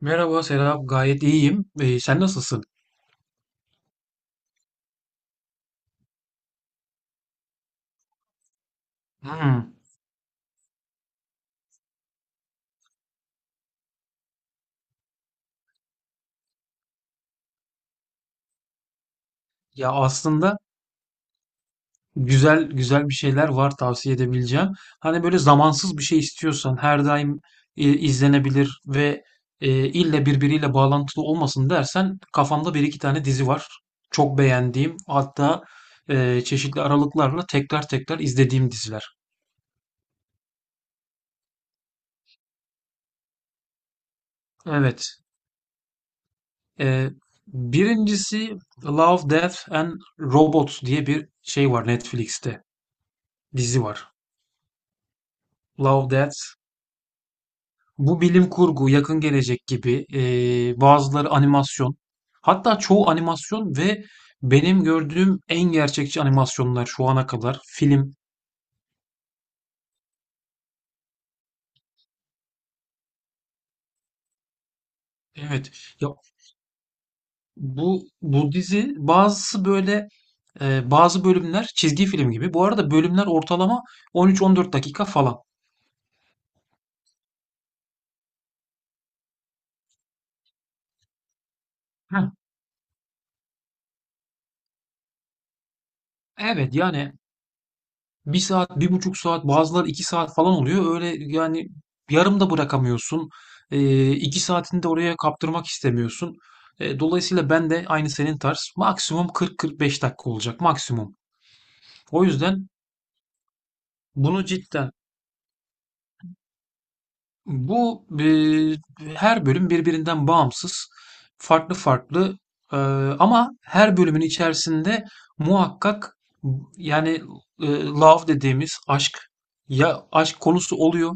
Merhaba Serap, gayet iyiyim. Sen nasılsın? Hmm. Ya aslında güzel güzel bir şeyler var, tavsiye edebileceğim. Hani böyle zamansız bir şey istiyorsan her daim izlenebilir ve ille birbiriyle bağlantılı olmasın dersen kafamda bir iki tane dizi var. Çok beğendiğim, hatta çeşitli aralıklarla tekrar tekrar izlediğim diziler. Evet. e, Birincisi, Love, Death and Robots diye bir şey var Netflix'te. Dizi var. Love Death, Bu bilim kurgu, yakın gelecek gibi. Bazıları animasyon. Hatta çoğu animasyon ve benim gördüğüm en gerçekçi animasyonlar şu ana kadar. Film. Evet. Ya bu dizi, bazısı böyle, bazı bölümler çizgi film gibi. Bu arada bölümler ortalama 13-14 dakika falan. Heh. Evet, yani 1 saat, 1,5 saat, bazıları 2 saat falan oluyor. Öyle yani, yarım da bırakamıyorsun. 2 saatini de oraya kaptırmak istemiyorsun. Dolayısıyla ben de aynı senin tarz, maksimum 40-45 dakika olacak, maksimum. O yüzden bunu cidden, bu e, her bölüm birbirinden bağımsız, farklı farklı, e, ama her bölümün içerisinde muhakkak, yani love dediğimiz aşk, ya aşk konusu oluyor,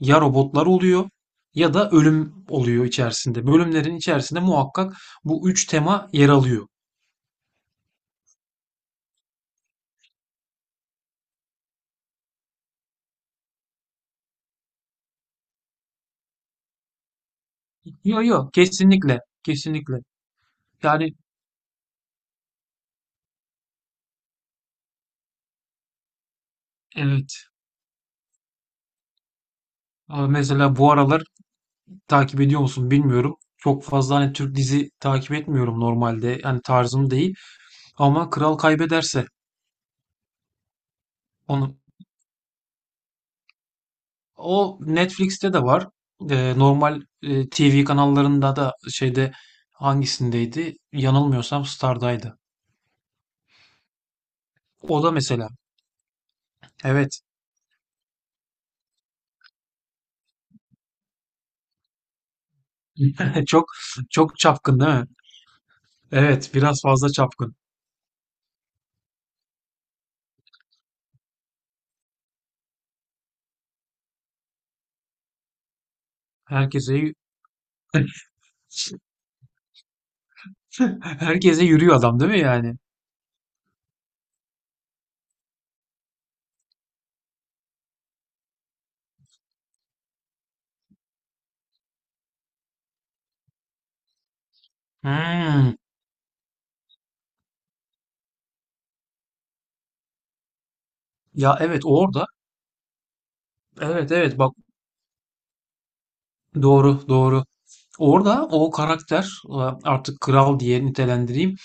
ya robotlar oluyor ya da ölüm oluyor içerisinde. Bölümlerin içerisinde muhakkak bu üç tema yer alıyor. Yok yok, kesinlikle kesinlikle. Yani evet. Ama mesela bu aralar takip ediyor musun bilmiyorum. Çok fazla hani Türk dizi takip etmiyorum normalde. Yani tarzım değil. Ama Kral Kaybederse, onu o Netflix'te de var. Normal TV kanallarında da şeyde, hangisindeydi? Yanılmıyorsam Star'daydı. O da mesela. Evet. Çok çok çapkın değil mi? Evet, biraz fazla çapkın. Herkese y- herkese yürüyor adam değil mi yani? Hmm. Ya evet, orada. Evet evet bak, doğru doğru. Orada o karakter, e, artık kral diye nitelendireyim.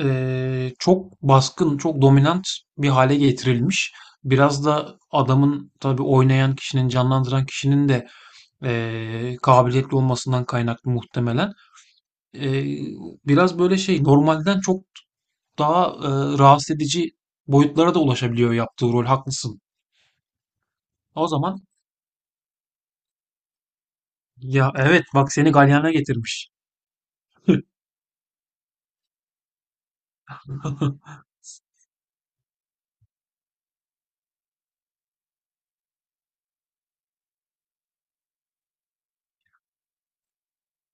Çok baskın, çok dominant bir hale getirilmiş. Biraz da adamın, tabii oynayan kişinin, canlandıran kişinin de kabiliyetli olmasından kaynaklı muhtemelen. E, biraz böyle şey, normalden çok daha rahatsız edici boyutlara da ulaşabiliyor yaptığı rol. Haklısın. O zaman, ya evet, bak, seni galyana getirmiş.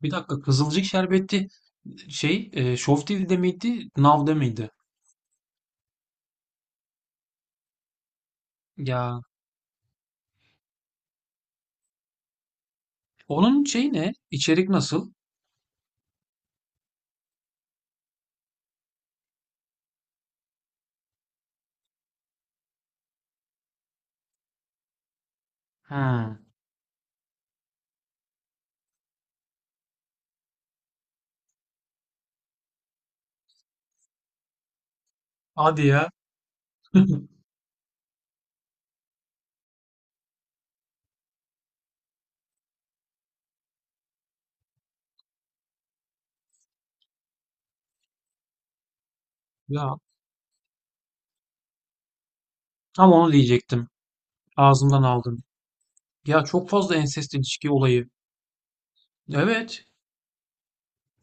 Bir dakika, Kızılcık Şerbeti şey, Show TV'de miydi? Now'da mıydı? Ya onun şey ne? İçerik nasıl? Hmm. Hadi ya. Ya tam onu diyecektim. Ağzımdan aldım. Ya çok fazla ensest ilişki olayı. Evet.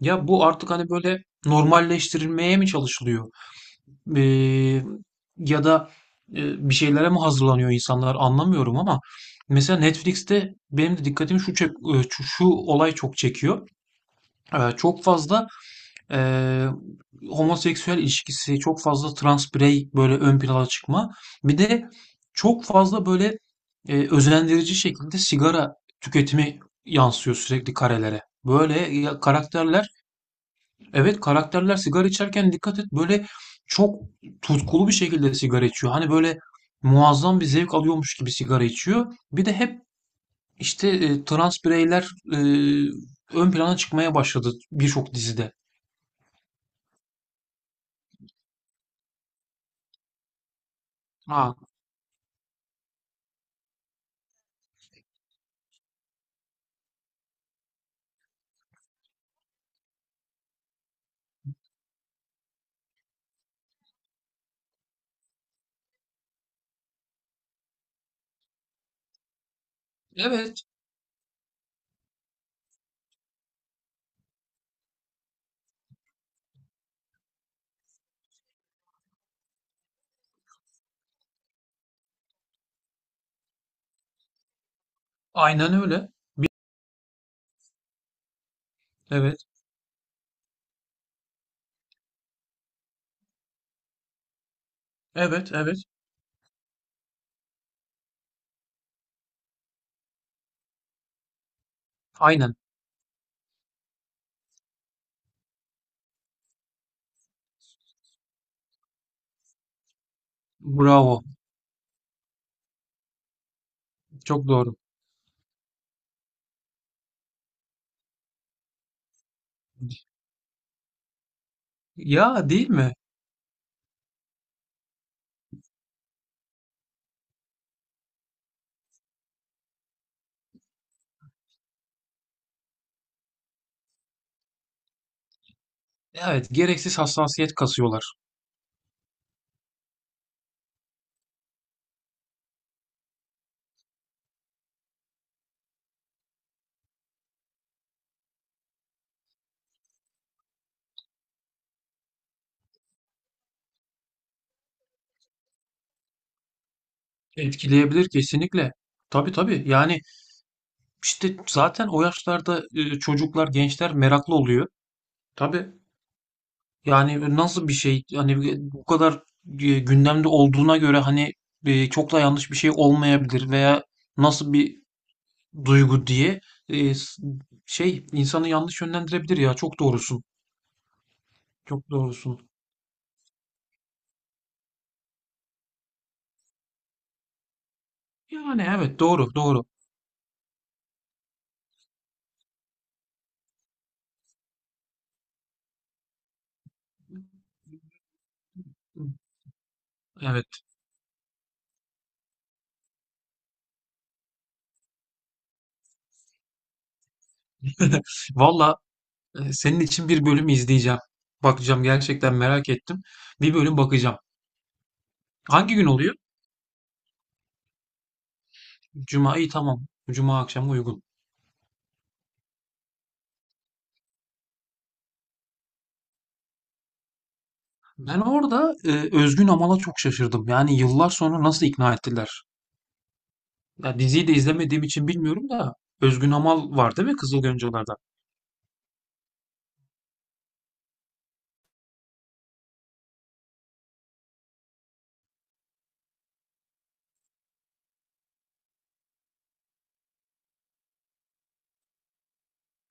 Ya bu artık hani böyle normalleştirilmeye mi çalışılıyor? Eee, ya da bir şeylere mi hazırlanıyor insanlar, anlamıyorum. Ama mesela Netflix'te benim de dikkatimi şu olay çok çekiyor. Çok fazla eee, homoseksüel ilişkisi, çok fazla trans birey böyle ön plana çıkma. Bir de çok fazla böyle özendirici şekilde sigara tüketimi yansıyor sürekli karelere. Böyle karakterler. Evet, karakterler sigara içerken dikkat et, böyle çok tutkulu bir şekilde sigara içiyor. Hani böyle muazzam bir zevk alıyormuş gibi sigara içiyor. Bir de hep işte trans bireyler ön plana çıkmaya başladı birçok dizide. Ha, evet, aynen öyle. Bi- Evet, evet, evet. Aynen. Bravo. Çok doğru. Ya değil mi? Evet, gereksiz hassasiyet kasıyorlar. Etkileyebilir, kesinlikle. Tabii tabii. Yani, İşte zaten o yaşlarda çocuklar, gençler meraklı oluyor. Tabii. Yani nasıl bir şey, hani bu kadar gündemde olduğuna göre, hani çok da yanlış bir şey olmayabilir, veya nasıl bir duygu diye e, s- şey, insanı yanlış yönlendirebilir ya, çok doğrusun. Çok doğrusun. Yani evet, doğru doğru. Evet. Valla senin için bir bölüm izleyeceğim. Bakacağım, gerçekten merak ettim. Bir bölüm bakacağım. Hangi gün oluyor? Cuma'yı, tamam. Cuma akşamı uygun. Ben orada Özgün Amal'a çok şaşırdım. Yani yıllar sonra nasıl ikna ettiler? Ya diziyi de izlemediğim için bilmiyorum da, Özgün Amal var değil mi Kızıl Goncalar'da?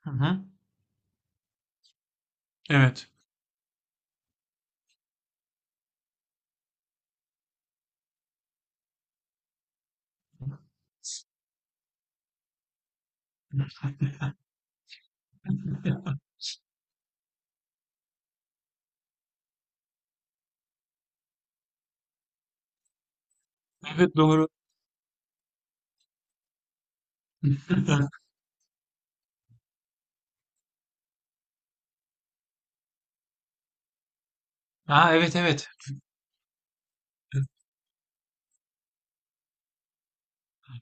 Hı hı. Evet. Evet doğru. Ha, evet evet.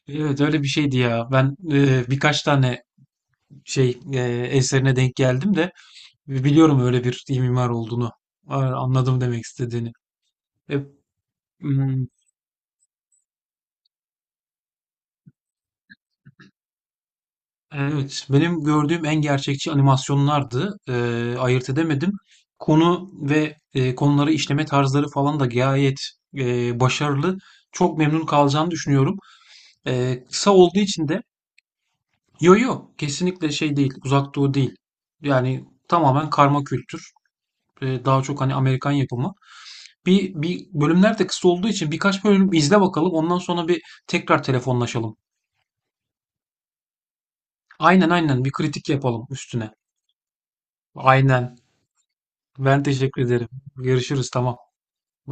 Evet, öyle bir şeydi ya. Ben birkaç tane şey e, eserine denk geldim de, biliyorum öyle bir mimar olduğunu. A- Anladım demek istediğini. E, hmm, Evet, benim gördüğüm en gerçekçi animasyonlardı. Ayırt edemedim. Konu ve konuları işleme tarzları falan da gayet başarılı. Çok memnun kalacağını düşünüyorum. Kısa olduğu için de, yo yo kesinlikle şey değil, Uzak Doğu değil. Yani tamamen karma kültür. Daha çok hani Amerikan yapımı. Bir bölümler de kısa olduğu için birkaç bölüm izle bakalım. Ondan sonra bir tekrar telefonlaşalım. Aynen aynen, bir kritik yapalım üstüne. Aynen. Ben teşekkür ederim. Görüşürüz. Tamam.